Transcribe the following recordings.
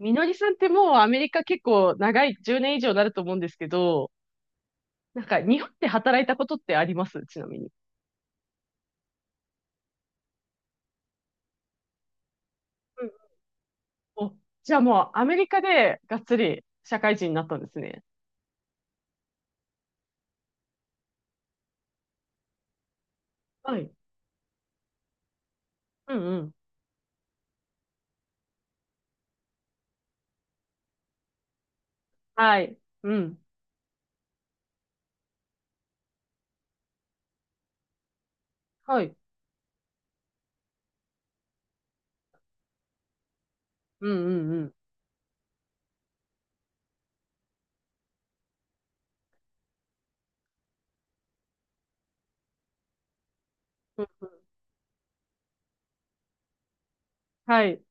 みのりさんってもうアメリカ結構長い、10年以上になると思うんですけど、なんか日本で働いたことってありますちなみに。うん。お、じゃあもうアメリカでがっつり社会人になったんですね。はい。うんうん。はい。うん。はい。うんうんうん。うん。はい。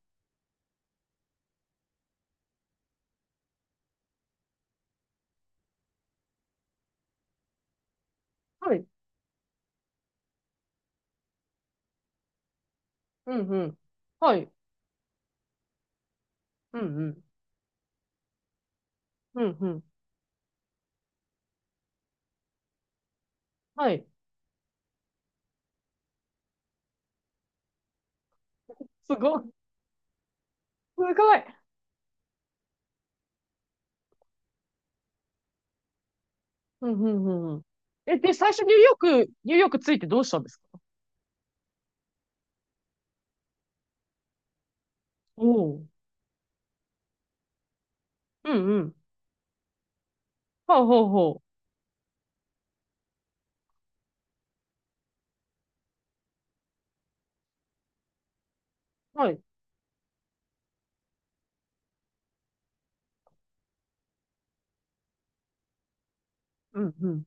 はい。うんうん。はい。うんうん。うんうん。はい。すごい。すごい。うんうんうんうん。え、で、最初ニューヨーク、ニューヨークついてどうしたんですか？おおう。うんうん。ほうほうほう。うんうん。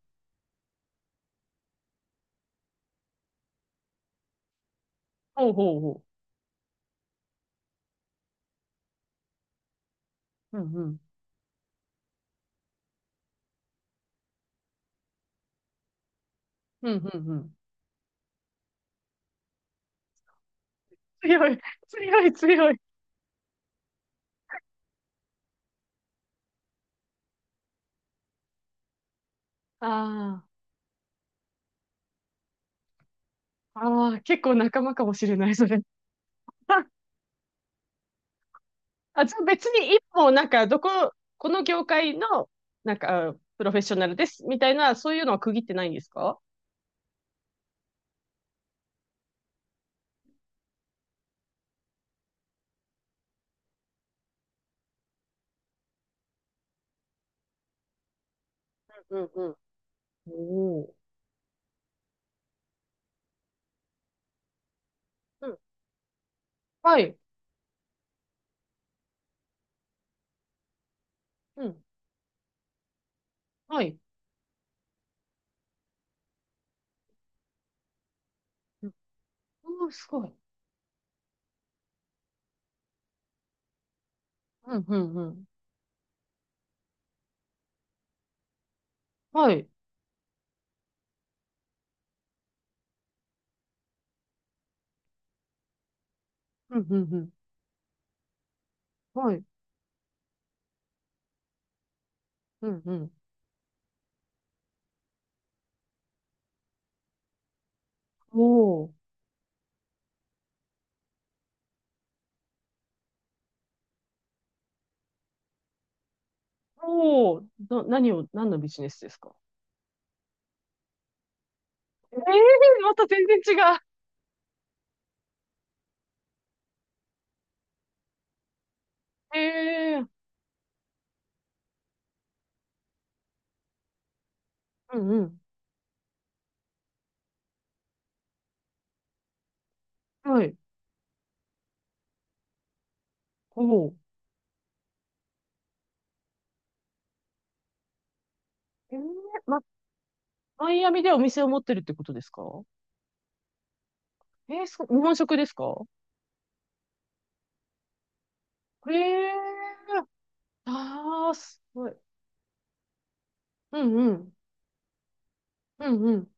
ほうほうほう。うんうん。うんうんうん。強い、強い、強い。ああ、ああ、結構仲間かもしれない、それ。あ、あじゃあ別に一本、なんか、どこ、この業界の、なんか、プロフェッショナルです、みたいな、そういうのは区切ってないんですか？うんうん。おおー。うん。はい。うん。はい。うん。おー、すごい。うんうんうん。はい。うんうんうん。はい。うんうん。おお。おお。な、何を、何のビジネスですか？ええー、また全然違う。ええー。うんうん。はい。おう。ええー。ま、マイアミでお店を持ってるってことですか？ええー、そう、日本食ですか？ええー。ああすごい。うんうん。うんうん。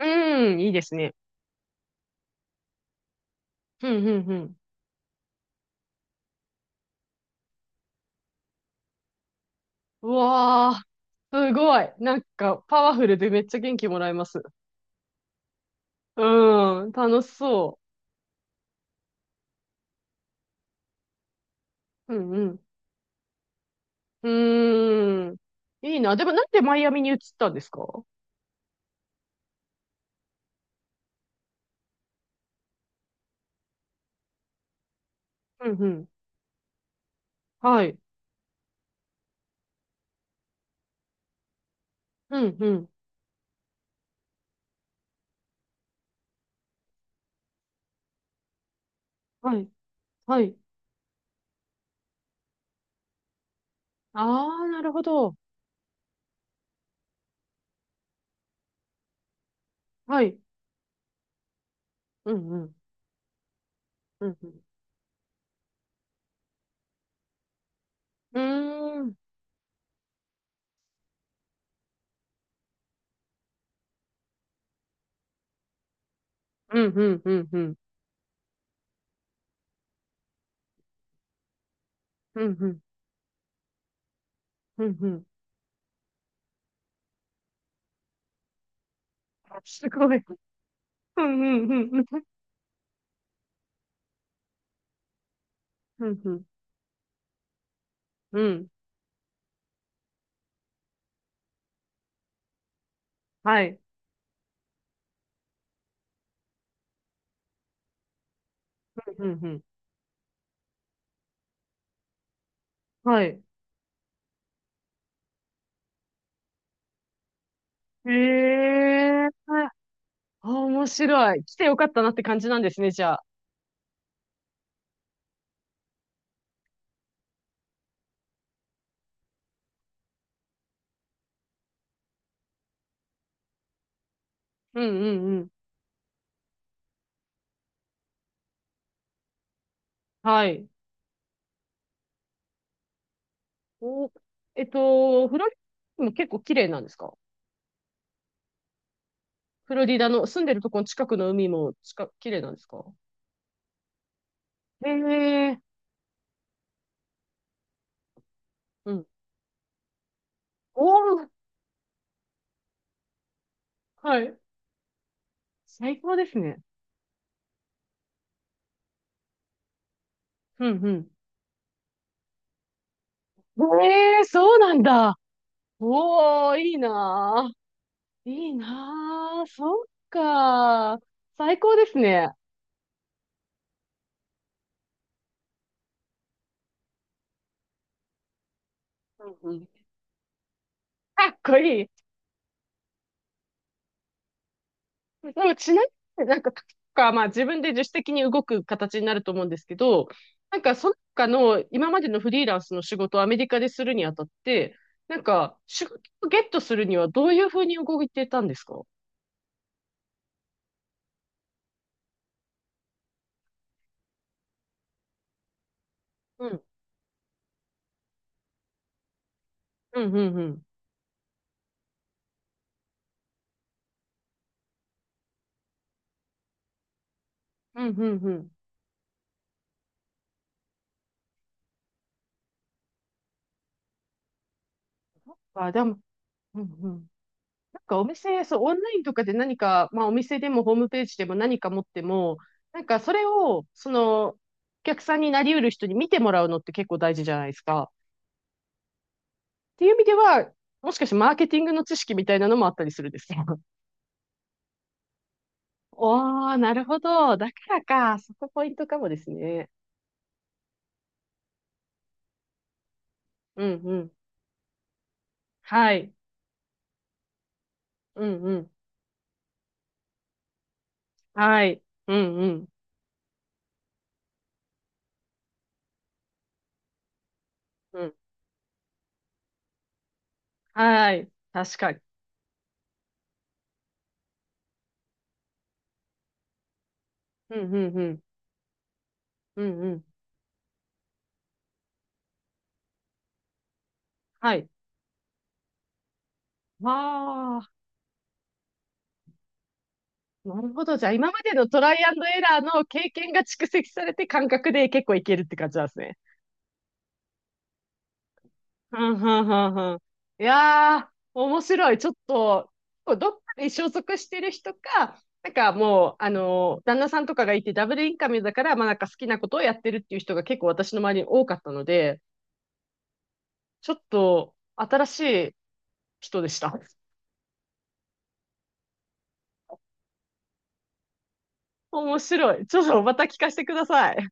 うん、いいですね。うんうんうん。うわあ、すごい。なんか、パワフルでめっちゃ元気もらえます。うん、楽しそう。うんうん。うーん。いいな。でもなんでマイアミに移ったんですか？うんうん。はい。うん、うん。はい、はい。ああ、なるほど。はい。うん、うん、うん、うん。うーん、うん、うん、うん、うん。うん、うん、うん、うん。すごい。うん、うん、うん、うん、うん、うん。うん。はい。うん、うん。はい。ええー。あ、面白い。来てよかったなって感じなんですね、じゃあ。うん、うん、うん。はい。お、えっと、フロリダも結構綺麗なんですか？フロリダの住んでるとこの近くの海も近、綺麗なんですか？ええー。うん。おー、はい。最高ですね。うんうん。ええー、そうなんだ。おー、いいなー。いいなー。そっかー。最高ですね。うんうん。かっこいい。でもちなみになんか、か、まあ自分で自主的に動く形になると思うんですけど、なんかその他の今までのフリーランスの仕事をアメリカでするにあたって、なんか仕事をゲットするにはどういうふうに動いてたんですか？うん。うんうんうん。うんうんうん。あ、でも、うんうん。なんかお店、そう、オンラインとかで何か、まあお店でもホームページでも何か持っても、なんかそれを、その、お客さんになりうる人に見てもらうのって結構大事じゃないですか。っていう意味では、もしかしてマーケティングの知識みたいなのもあったりするんですよ。おー、なるほど。だからか。そこポイントかもですね。うんうん。はい。うんうん。はい。うんうん。うん。はい。確かに。うんうんうん。うんうん。はい。わあ。なるほど。じゃあ、今までのトライアンドエラーの経験が蓄積されて感覚で結構いけるって感じなんですね。はんはんはんはん。いやー、面白い。ちょっと、どっかに所属してる人か、なんかもう、あのー旦那さんとかがいてダブルインカムだから、まあなんか好きなことをやってるっていう人が結構私の周りに多かったので、ちょっと新しい人でした。面白い。ちょっとまた聞かせてください。